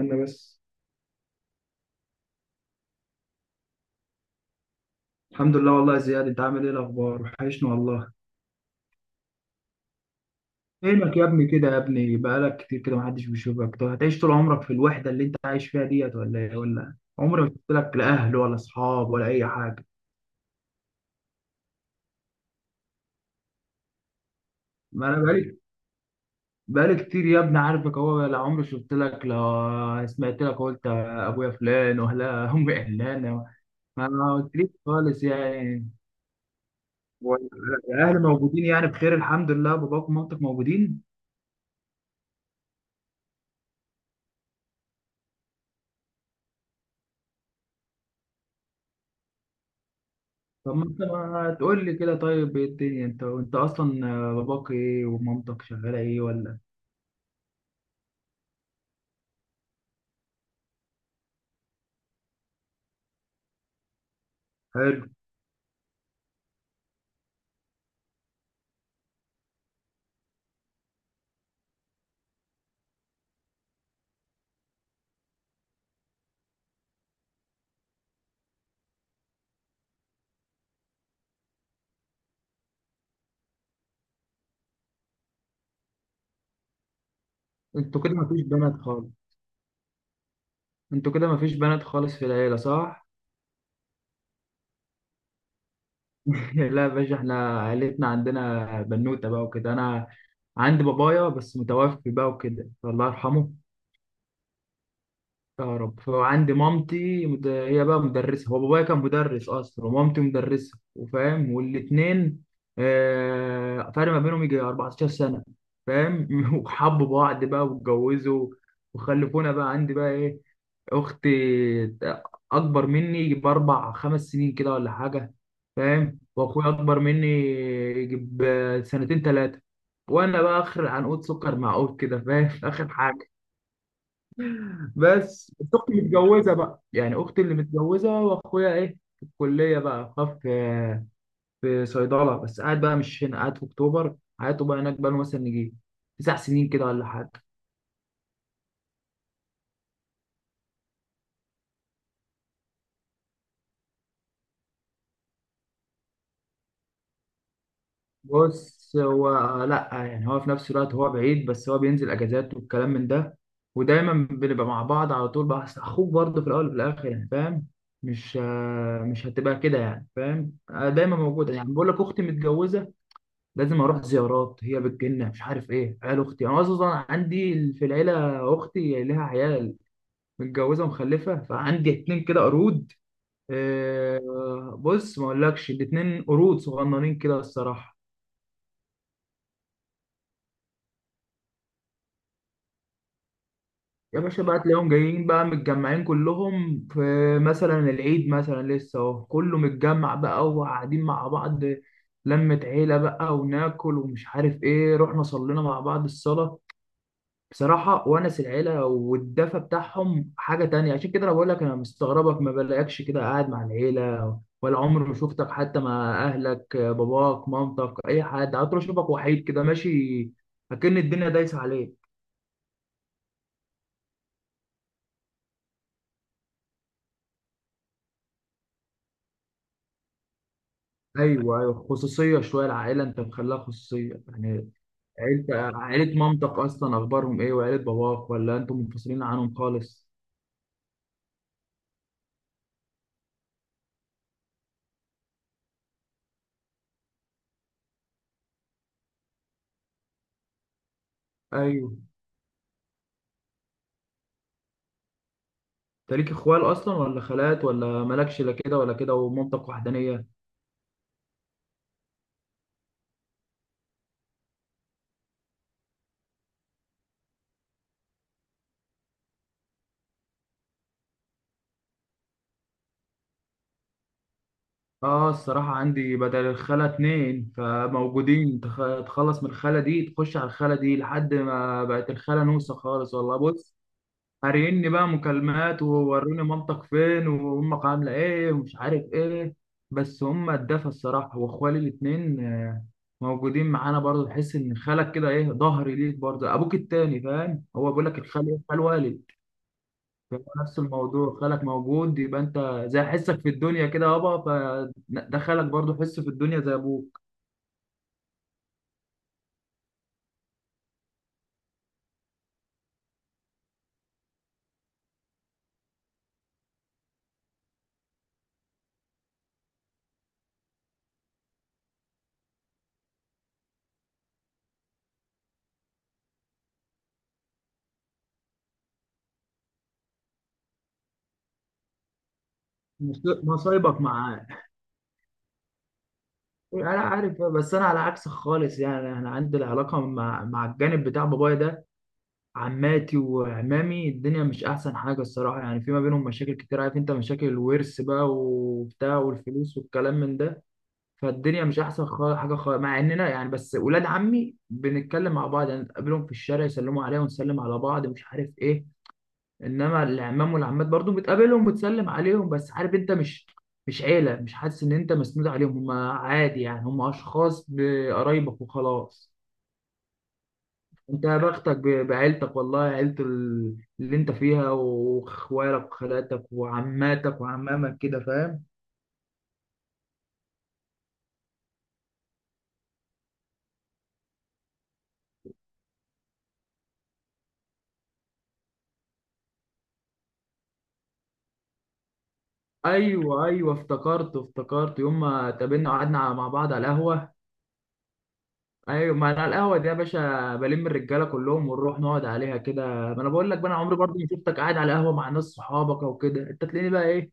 انا بس. الحمد لله، والله يا زياد، انت عامل ايه؟ الاخبار وحشني والله. فينك يا ابني كده يا ابني؟ بقالك كتير كده محدش بيشوفك. طب هتعيش طول عمرك في الوحده اللي انت عايش فيها ديت ولا ايه؟ ولا عمري ما شفت لك لا اهل ولا اصحاب ولا اي حاجه. ما انا بقالي كتير يا ابني، عارفك اهو، لا عمري شفت لك لا سمعت لك قلت ابويا فلان ولا امي علانه. ما قلتليش خالص يعني. ولا- الاهل موجودين يعني، بخير الحمد لله؟ باباك ومامتك موجودين؟ طب ما انت ما تقول لي كده. طيب ايه الدنيا؟ انت اصلا باباك ايه ومامتك شغاله ايه ولا؟ حلو. انتوا كده مفيش بنات خالص انتوا كده مفيش بنات خالص في العيله، صح؟ لا يا باشا، احنا عيلتنا عندنا بنوته بقى وكده. انا عندي بابايا بس متوفي بقى وكده، فالله يرحمه. يا رب. فعندي مامتي هي بقى مدرسة. هو بابايا كان مدرس أصلا ومامتي مدرسة، وفاهم، والاتنين فرق ما بينهم يجي 14 سنة، فاهم. وحبوا بعض بقى واتجوزوا وخلفونا بقى. عندي بقى إيه، أختي، أكبر مني يجي بأربع خمس سنين كده ولا حاجة، فاهم. وأخويا أكبر مني يجي بسنتين تلاتة. وأنا بقى آخر عنقود سكر معقود كده، فاهم. آخر حاجة. بس اختي متجوزه بقى، يعني اختي اللي متجوزه، واخويا ايه في الكليه بقى، خاف في صيدله، بس قاعد بقى مش هنا، قاعد في اكتوبر، حياته بقى هناك، بقى له مثلا نجي 9 سنين كده ولا حاجه. بص هو، لا يعني هو في نفس الوقت هو بعيد، بس هو بينزل اجازات والكلام من ده، ودايما بنبقى مع بعض على طول بقى. أصل اخوك برضه في الاول وفي الاخر يعني، فاهم. مش مش هتبقى كده يعني، فاهم. دايما موجوده يعني. بقول لك اختي متجوزه، لازم اروح زيارات، هي بتجيلنا مش عارف ايه، عيال اختي، انا اصلا عندي في العيله اختي لها عيال، متجوزه ومخلفه، فعندي اتنين كده قرود. بص ما اقولكش، الاتنين قرود صغننين كده الصراحه. يا باشا بقى تلاقيهم جايين بقى متجمعين كلهم في مثلا العيد، مثلا لسه اهو كله متجمع بقى وقاعدين مع بعض، لمة عيلة بقى، وناكل ومش عارف ايه، رحنا صلينا مع بعض الصلاة بصراحة. ونس العيلة والدفى بتاعهم حاجة تانية. عشان كده أنا بقول لك، أنا مستغربك ما بلاقيكش كده قاعد مع العيلة، ولا عمري ما شفتك حتى مع أهلك، باباك مامتك أي حد. عطر أشوفك وحيد كده ماشي، أكن الدنيا دايسة عليك. أيوه أيوه، خصوصية شوية العائلة، أنت مخليها خصوصية يعني. عيلة عيلة مامتك أصلا أخبارهم إيه؟ وعيلة باباك؟ ولا أنتم منفصلين عنهم خالص؟ أيوه. أنت ليك إخوال أصلا، ولا خالات، ولا مالكش لا كده ولا كده، ومامتك وحدانية؟ اه الصراحة عندي بدل الخالة اتنين فموجودين، تخلص من الخالة دي تخش على الخالة دي، لحد ما بقت الخالة نوسة خالص والله. بص قاريني بقى مكالمات، ووروني مامتك فين وامك عاملة ايه ومش عارف ايه. بس هما اتدفى الصراحة. واخوالي الاتنين موجودين معانا برضه، تحس ان خالك كده ايه، ظهري ليك برضه، ابوك التاني فاهم. هو بيقول لك الخال ايه، خال والد. هو نفس الموضوع، خالك موجود يبقى انت زي حسك في الدنيا كده يابا، فدخلك برضه حس في الدنيا زي ابوك. مصايبك معاه. انا عارف، بس انا على عكسك خالص يعني. انا عندي العلاقه مع الجانب بتاع بابايا ده، عماتي وعمامي، الدنيا مش احسن حاجه الصراحه، يعني في ما بينهم مشاكل كتير، عارف انت، مشاكل الورث بقى وبتاع والفلوس والكلام من ده. فالدنيا مش احسن خالص حاجه خالص، مع اننا يعني بس ولاد عمي بنتكلم مع بعض يعني، نتقابلهم في الشارع يسلموا عليا ونسلم على بعض مش عارف ايه. انما العمام والعمات برضو بتقابلهم وبتسلم عليهم، بس عارف انت مش، مش عيله، مش حاسس ان انت مسنود عليهم، هم عادي يعني، هم اشخاص بقرايبك وخلاص. انت يا بختك بعيلتك والله، عيله اللي انت فيها، واخوالك وخالاتك وعماتك وعمامك كده، فاهم. ايوه ايوه، افتكرت افتكرت يوم ما اتقابلنا وقعدنا مع بعض على القهوه. ايوه، ما انا القهوه دي يا باشا بلم الرجاله كلهم ونروح نقعد عليها كده. ما انا بقول لك بقى، انا عمري برضه ما شفتك قاعد على قهوه مع ناس صحابك او كده. انت تلاقيني بقى ايه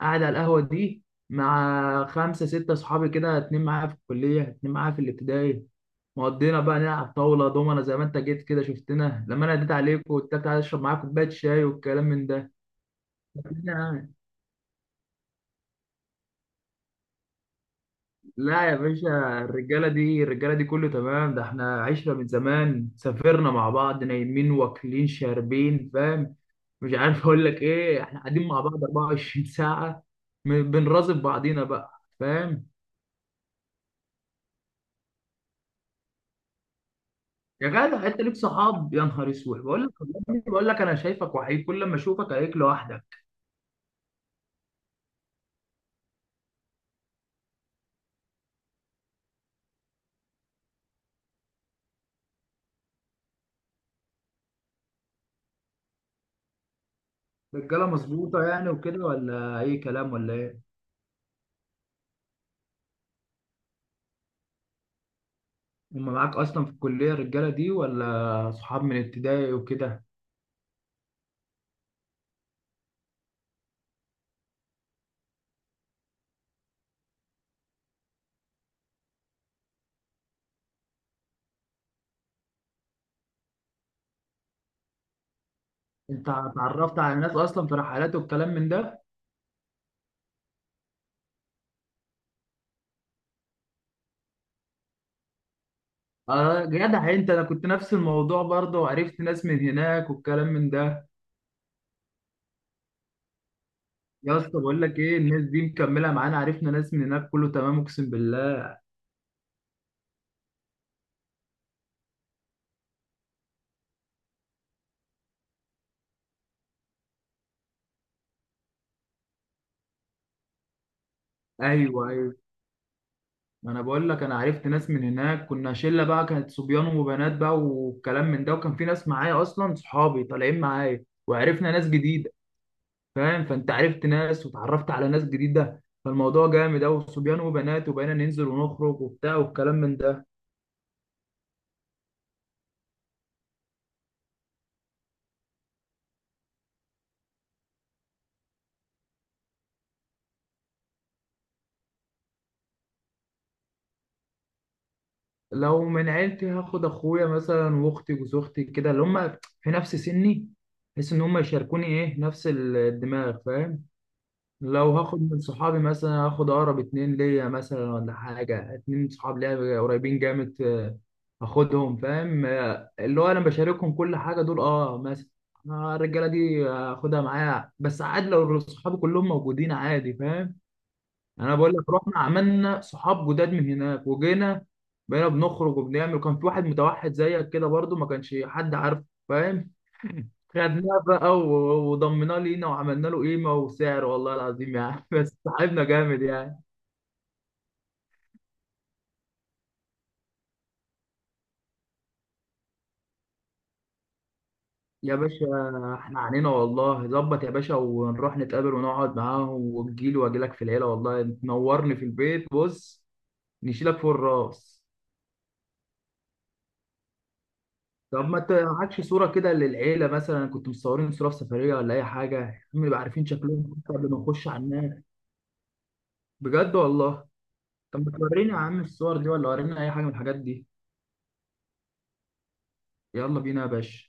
قاعد على القهوه دي مع خمسه سته صحابي كده، اتنين معايا في الكليه، اتنين معايا في الابتدائي، مقضينا بقى نلعب طاوله دومنا زي ما انت جيت كده شفتنا، لما انا اديت عليك وقلت لك تعالى اشرب معاك كوبايه شاي والكلام من ده. لا يا باشا، الرجالة دي كله تمام. ده احنا 10 من زمان سافرنا مع بعض، نايمين واكلين شاربين، فاهم. مش عارف اقول لك ايه، احنا قاعدين مع بعض 24 ساعة، بنراقب بعضينا بقى، فاهم. يا جدع انت ليك صحاب؟ يا نهار اسود، بقول لك والله، بقول لك انا شايفك وحيد كل ما اشوفك عليك لوحدك. رجالة مظبوطة يعني وكده، ولا اي كلام ولا ايه؟ هم معاك اصلا في الكلية الرجالة دي، ولا صحاب من ابتدائي وكده؟ انت اتعرفت على ناس اصلا في رحلات والكلام من ده؟ اه جدع انت، انا كنت نفس الموضوع برضه، وعرفت ناس من هناك والكلام من ده. يا اسطى بقول لك ايه، الناس دي مكمله معانا، عرفنا ناس من هناك كله تمام، اقسم بالله. ايوه ايوه، ما انا بقول لك، انا عرفت ناس من هناك، كنا شله بقى، كانت صبيان وبنات بقى والكلام من ده، وكان في ناس معايا اصلا صحابي طالعين معايا، وعرفنا ناس جديده، فاهم. فانت عرفت ناس، وتعرفت على ناس جديده، فالموضوع جامد اوي، صبيان وبنات، وبقينا ننزل ونخرج وبتاع والكلام من ده. لو من عيلتي هاخد اخويا مثلا واختي وزوجتي كده، اللي هم في نفس سني، بحيث ان هم يشاركوني ايه نفس الدماغ، فاهم. لو هاخد من صحابي مثلا، هاخد اقرب اتنين ليا مثلا ولا حاجه، اتنين صحاب ليا قريبين جامد، هاخدهم فاهم. اللي هو انا بشاركهم كل حاجه دول، اه مثلا. الرجاله دي هاخدها معايا، بس عادي لو صحابي كلهم موجودين عادي، فاهم. انا بقول لك رحنا عملنا صحاب جداد من هناك وجينا، بقينا بنخرج وبنعمل. كان في واحد متوحد زيك كده برضو، ما كانش حد عارف، فاهم. خدناه بقى وضمناه لينا وعملنا له قيمه وسعر والله العظيم يعني، بس صاحبنا جامد يعني. يا باشا، احنا عنينا والله ظبط يا باشا، ونروح نتقابل ونقعد معاهم. وتجيلي واجي لك في العيله والله، تنورني في البيت، بص نشيلك فوق الراس. طب ما تعادش صورة كده للعيلة مثلا؟ كنت مصورين صورة في سفرية ولا أي حاجة، هم يبقى عارفين شكلهم قبل ما نخش على الناس. بجد والله. طب ما تورينا يا عم الصور دي، ولا ورينا أي حاجة من الحاجات دي؟ يلا بينا يا باشا.